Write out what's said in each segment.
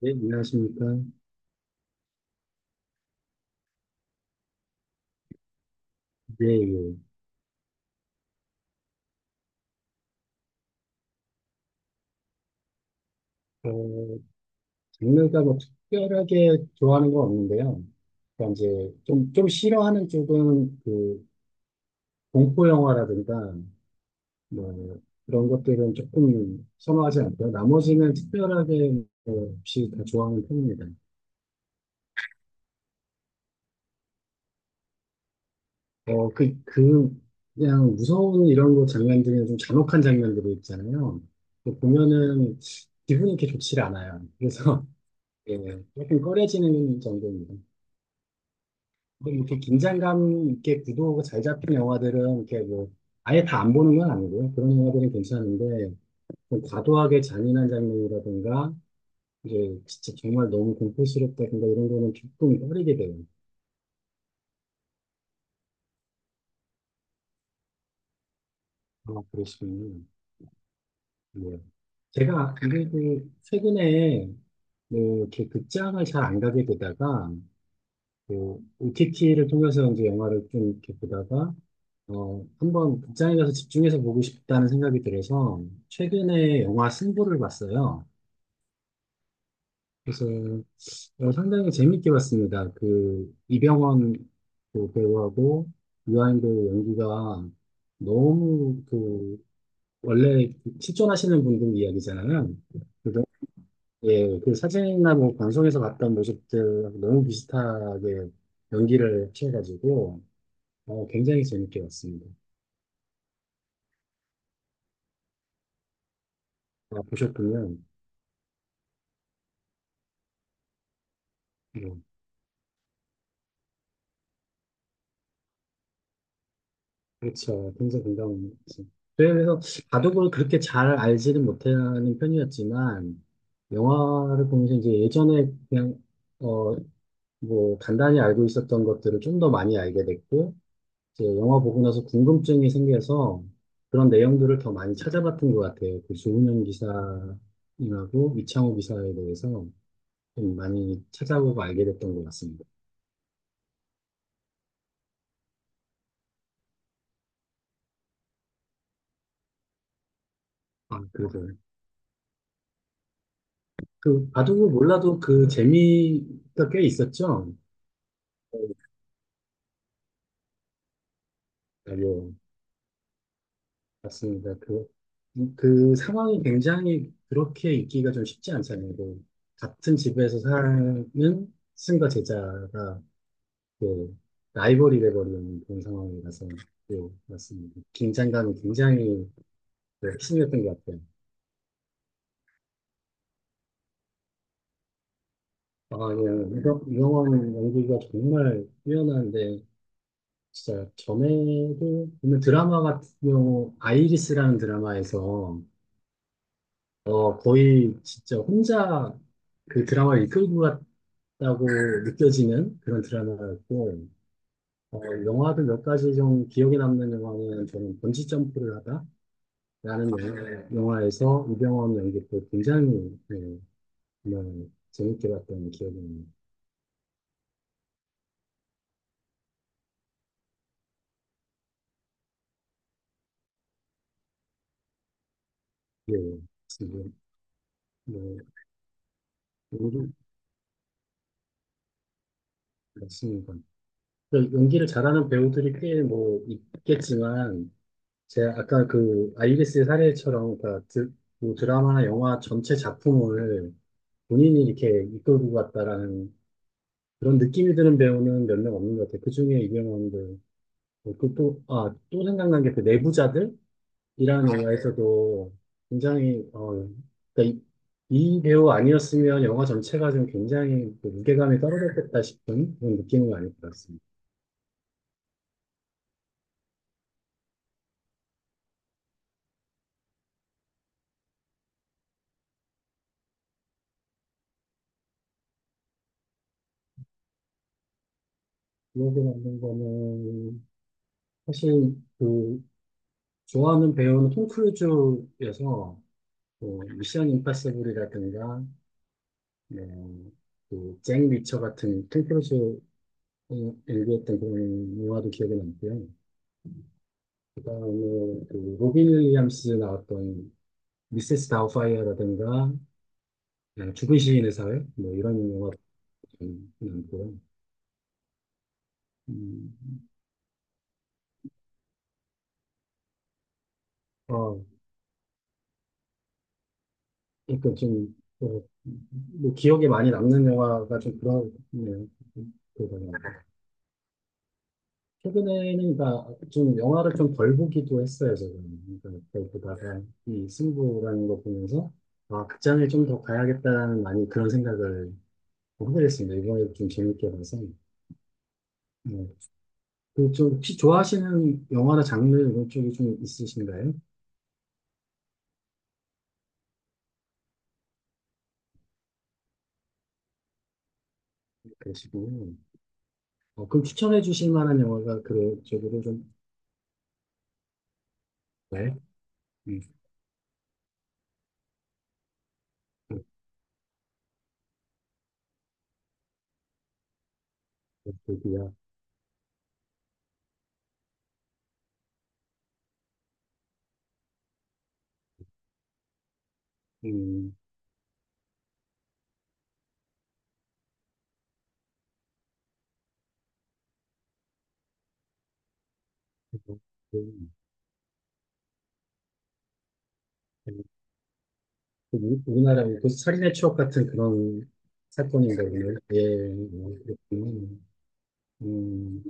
네, 안녕하십니까. 예, 예. 어, 장르가 뭐 특별하게 좋아하는 건 없는데요. 그러니까 이제 좀 싫어하는 쪽은 그 공포 영화라든가 뭐 그런 것들은 조금 선호하지 않고요. 나머지는 특별하게 뭐 없이 다 좋아하는 편입니다. 어, 그냥 무서운 이런 거 장면 중에 좀 잔혹한 장면들이 있잖아요. 그 보면은 기분이 이렇게 좋지 않아요. 그래서 예, 조금 꺼려지는 정도입니다. 근데 이렇게 긴장감 있게 구도가 잘 잡힌 영화들은 이렇게 뭐 아예 다 안 보는 건 아니고요. 그런 영화들은 괜찮은데 좀 과도하게 잔인한 장면이라든가 이제 진짜 정말 너무 공포스럽다든가 이런 거는 조금 꺼리게 돼요. 아, 그러시군요. 네. 제가 그래도 최근에 뭐 이렇게 극장을 잘 안 가게 되다가 그 OTT를 통해서 이제 영화를 좀 이렇게 보다가 어, 한번 극장에 가서 집중해서 보고 싶다는 생각이 들어서 최근에 영화 승부를 봤어요. 그래서 어, 상당히 재밌게 봤습니다. 그 이병헌 그 배우하고 유아인 배우 연기가 너무 그 원래 그 실존하시는 분들 이야기잖아요. 그래서 예, 그 사진이나 뭐 방송에서 봤던 모습들 너무 비슷하게 연기를 취해가지고 어, 굉장히 재밌게 봤습니다. 아, 보셨군요. 음, 그렇죠. 굉장히 공감합니다. 그래서 바둑을 그렇게 잘 알지는 못하는 편이었지만, 영화를 보면서 이제 예전에 그냥, 어, 뭐, 간단히 알고 있었던 것들을 좀 더 많이 알게 됐고, 이제 영화 보고 나서 궁금증이 생겨서 그런 내용들을 더 많이 찾아봤던 것 같아요. 그 조은현 기사님하고 이창호 기사에 대해서 좀 많이 찾아보고 알게 됐던 것 같습니다. 아, 그래서 그 바둑을 몰라도 그 재미가 꽤 있었죠. 아니요, 맞습니다. 그, 그 상황이 굉장히 그렇게 있기가 좀 쉽지 않잖아요. 그 같은 집에서 사는 스승과 제자가 그 라이벌이 돼버리는 그런 상황이라서 네, 맞습니다. 긴장감이 굉장히 네, 심했던 것 같아요. 아, 예. 이병헌 연기가 정말 뛰어난데 진짜 전에도 보면 드라마 같은 경우 아이리스라는 드라마에서 어 거의 진짜 혼자 그 드라마를 이끌고 갔다고 느껴지는 그런 드라마였고 어 영화도 몇 가지 좀 기억에 남는 영화는 저는 번지 점프를 하다라는 영화에서 이병헌 연기도 굉장히 네, 정말 재밌게 봤던 기억이 나요. 예, 지금 뭐 모르겠습니다. 연기를 잘하는 배우들이 꽤 뭐 있겠지만 제가 아까 그 아이리스 사례처럼 그러니까 뭐 드라마나 영화 전체 작품을 본인이 이렇게 이끌고 갔다라는 그런 느낌이 드는 배우는 몇 명 없는 것 같아요. 그중에 이병헌도 그 또, 아, 또 생각난 게 그 내부자들이라는 영화에서도 굉장히 어, 그러니까 이 배우 아니었으면 영화 전체가 좀 굉장히 그 무게감이 떨어졌겠다 싶은 그런 느낌을 많이 받았습니다. 기억에 남는 거는 사실 그 좋아하는 배우는 톰 크루즈여서 뭐 미션 임파서블이라든가 뭐, 그잭 리처 같은 톰 크루즈 연기했던 그런 영화도 기억에 남고요. 그다음에 그 로빈 윌리엄스 나왔던 미세스 다우파이어라든가 예, 죽은 시인의 사회 뭐 이런 영화도 좀 남고요. 음, 어, 그러니까 좀 어, 뭐 기억에 많이 남는 영화가 좀 그런 네요. 최근에는 그러니까 좀 영화를 좀 덜 보기도 했어요, 저는. 그러니까 덜 보다가 이 승부라는 거 보면서 아, 극장을 좀 더 가야겠다라는 많이 그런 생각을 하게 됐습니다. 이번에 좀 재밌게 봐서. 네. 그좀 혹시 좋아하시는 영화나 장르 이런 쪽이 좀 있으신가요? 그러시고 어, 그럼 추천해 주실 만한 영화가 그런 쪽으로 좀 네. 음, 그렇군요. 음, 음, 그 우리나라의 그 살인의 추억 같은 그런 사건인가 보네요. 예, 어, 그렇군요. 음,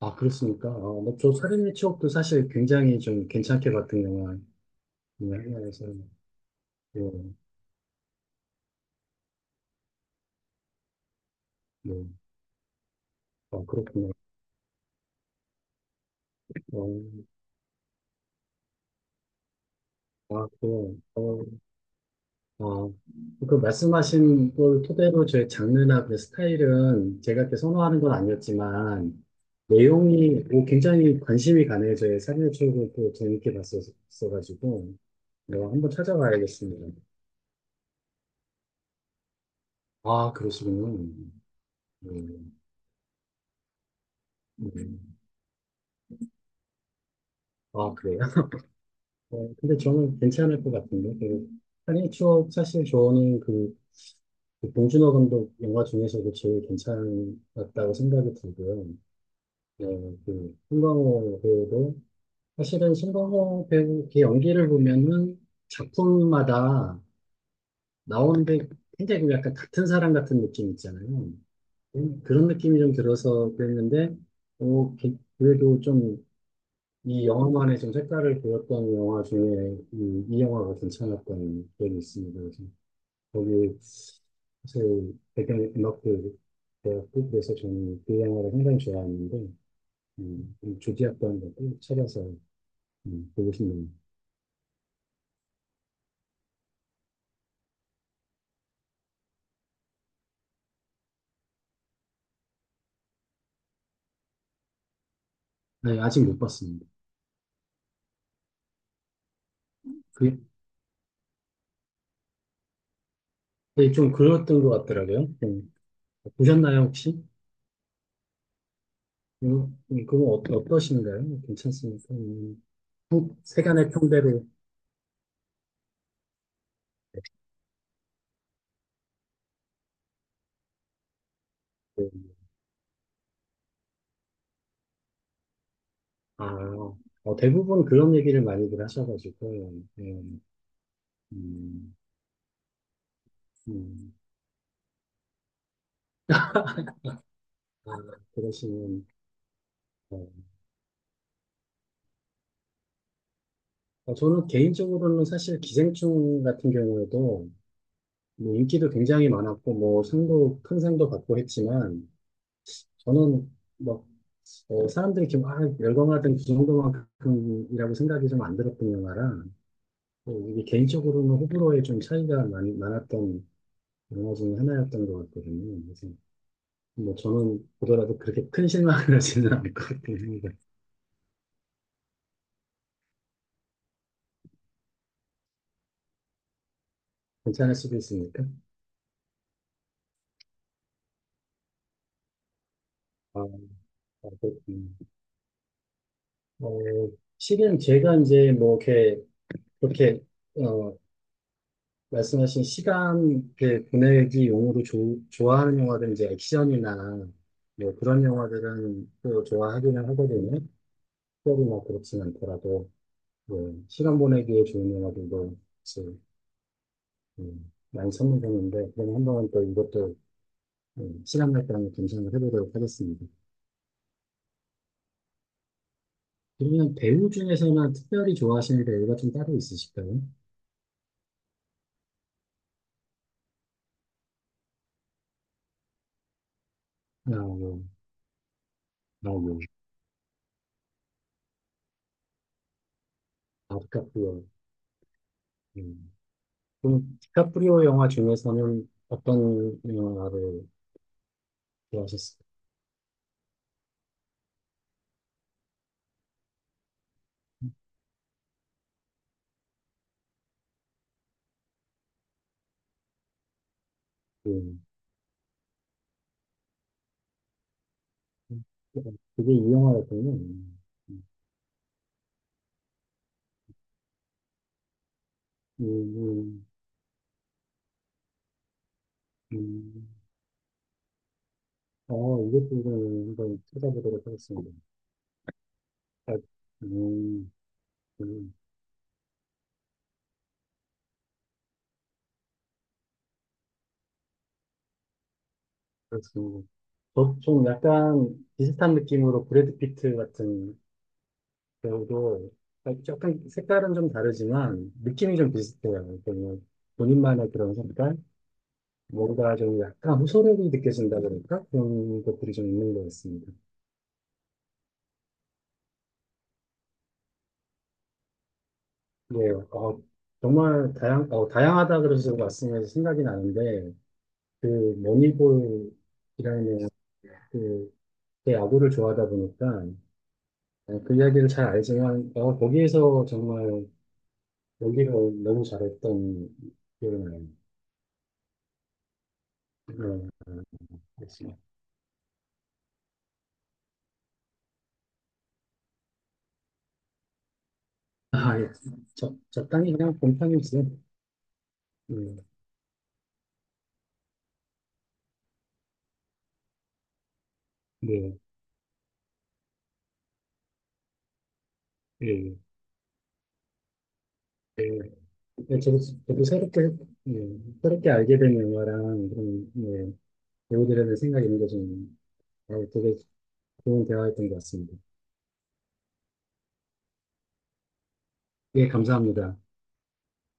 아, 그렇습니까? 아, 뭐저 살인의 추억도 사실 굉장히 좀 괜찮게 봤던 영화 중에 하나여서, 예, 예. 아, 그렇군요. 어, 아, 그, 어, 아, 그 말씀하신 걸 토대로 제 장르나 그 스타일은 제가 이렇게 선호하는 건 아니었지만, 내용이 뭐 굉장히 관심이 가네요. 저의 살인의 추억을 또 재밌게 봤었어가지고. 네, 한번 찾아봐야겠습니다. 아, 그러시군요. 음, 음. 아, 그래요? 어, 근데 저는 괜찮을 것 같은데. 그, 살인 추억, 사실 저는 그, 그 봉준호 감독 영화 중에서도 제일 괜찮았다고 생각이 들고요. 네, 그, 송강호 배우도, 사실은 송강호 배우 그 연기를 보면은 작품마다 나오는데 굉장히 그 약간 같은 사람 같은 느낌 있잖아요. 그런 느낌이 좀 들어서 그랬는데, 어, 그래도 좀 이 영화만의 좀 색깔을 보였던 영화 중에 이 영화가 괜찮았던 기억이 있습니다. 그래서 거기 사실 배경 음악도 되었고 그래서 저는 그 영화를 굉장히 좋아하는데 좀 조디였던 것도 찾아서 보고 싶네요. 네, 아직 못 봤습니다. 그, 네, 좀 그랬던 것 같더라고요. 보셨나요 혹시? 그건 어, 어떠신가요? 괜찮습니까? 세간의 평대로 아, 어, 대부분 그런 얘기를 많이들 하셔가지고, 예, 음, 음, 아, 그러시면, 어, 어, 저는 개인적으로는 사실 기생충 같은 경우에도 뭐 인기도 굉장히 많았고, 뭐 상도, 큰 상도 받고 했지만, 저는 뭐 어, 사람들이 이렇게 막 열광하던 그 정도만큼이라고 생각이 좀 안 들었던 영화라, 어, 이게 개인적으로는 호불호에 좀 차이가 많았던 영화 중에 하나였던 것 같거든요. 그래서 뭐 저는 보더라도 그렇게 큰 실망을 하지는 않을 것 같긴 합니다. 괜찮을 수도 있으니까. 아, 아, 그렇군요. 어, 실은 제가 이제 뭐 이렇게 그렇게 어, 말씀하신 시간 이렇게 보내기 용으로 좋아하는 영화들은 이제 액션이나 뭐 그런 영화들은 또 좋아하기는 하거든요. 특별히 막 그렇진 않더라도 뭐 시간 보내기에 좋은 영화들도 이제 많이 선물되는데 그럼 한번 또 이것도 시간 날 때랑 감상을 해보도록 하겠습니다. 그러면 배우 중에서는 특별히 좋아하시는 배우가 좀 따로 있으실까요? 아, 뭐, 아, 뭐, 아, 디카프리오. 음. 그럼 디카프리오 영화 중에서는 어떤 영화를 좋아하셨을까요? 음. 그게 이 영화였군요. 음, 음. 음. 어, 이것도 이 한번 찾아보도록 하겠습니다. 아, 음, 음, 그렇습니다. 저- 좀 약간 비슷한 느낌으로 브래드 피트 같은 배우도 약간 색깔은 좀 다르지만 느낌이 좀 비슷해요. 그냥 본인만의 그런 색깔, 뭔가 좀 약간 호소력이 느껴진다 그럴까? 그런 것들이 좀 있는 것 같습니다. 예, 어, 정말 다양하다 그래서 말씀해서 생각이 나는데 그 머니볼이라는 그, 제 야구를 좋아하다 보니까 어, 그 이야기를 잘 알지만 어, 거기에서 정말 연기를 너무 잘했던 기억이 나요. 네, 아, 예. 저 땅이 그냥 곰탕이었어요. 예, 네, 예, 예. 예, 저도, 저도 새롭게, 예, 새롭게 알게 된 영화랑 그런, 예, 배우들에 대한 생각이 있는 게 좀, 어, 되게 좋은 대화였던 것 같습니다. 예, 감사합니다.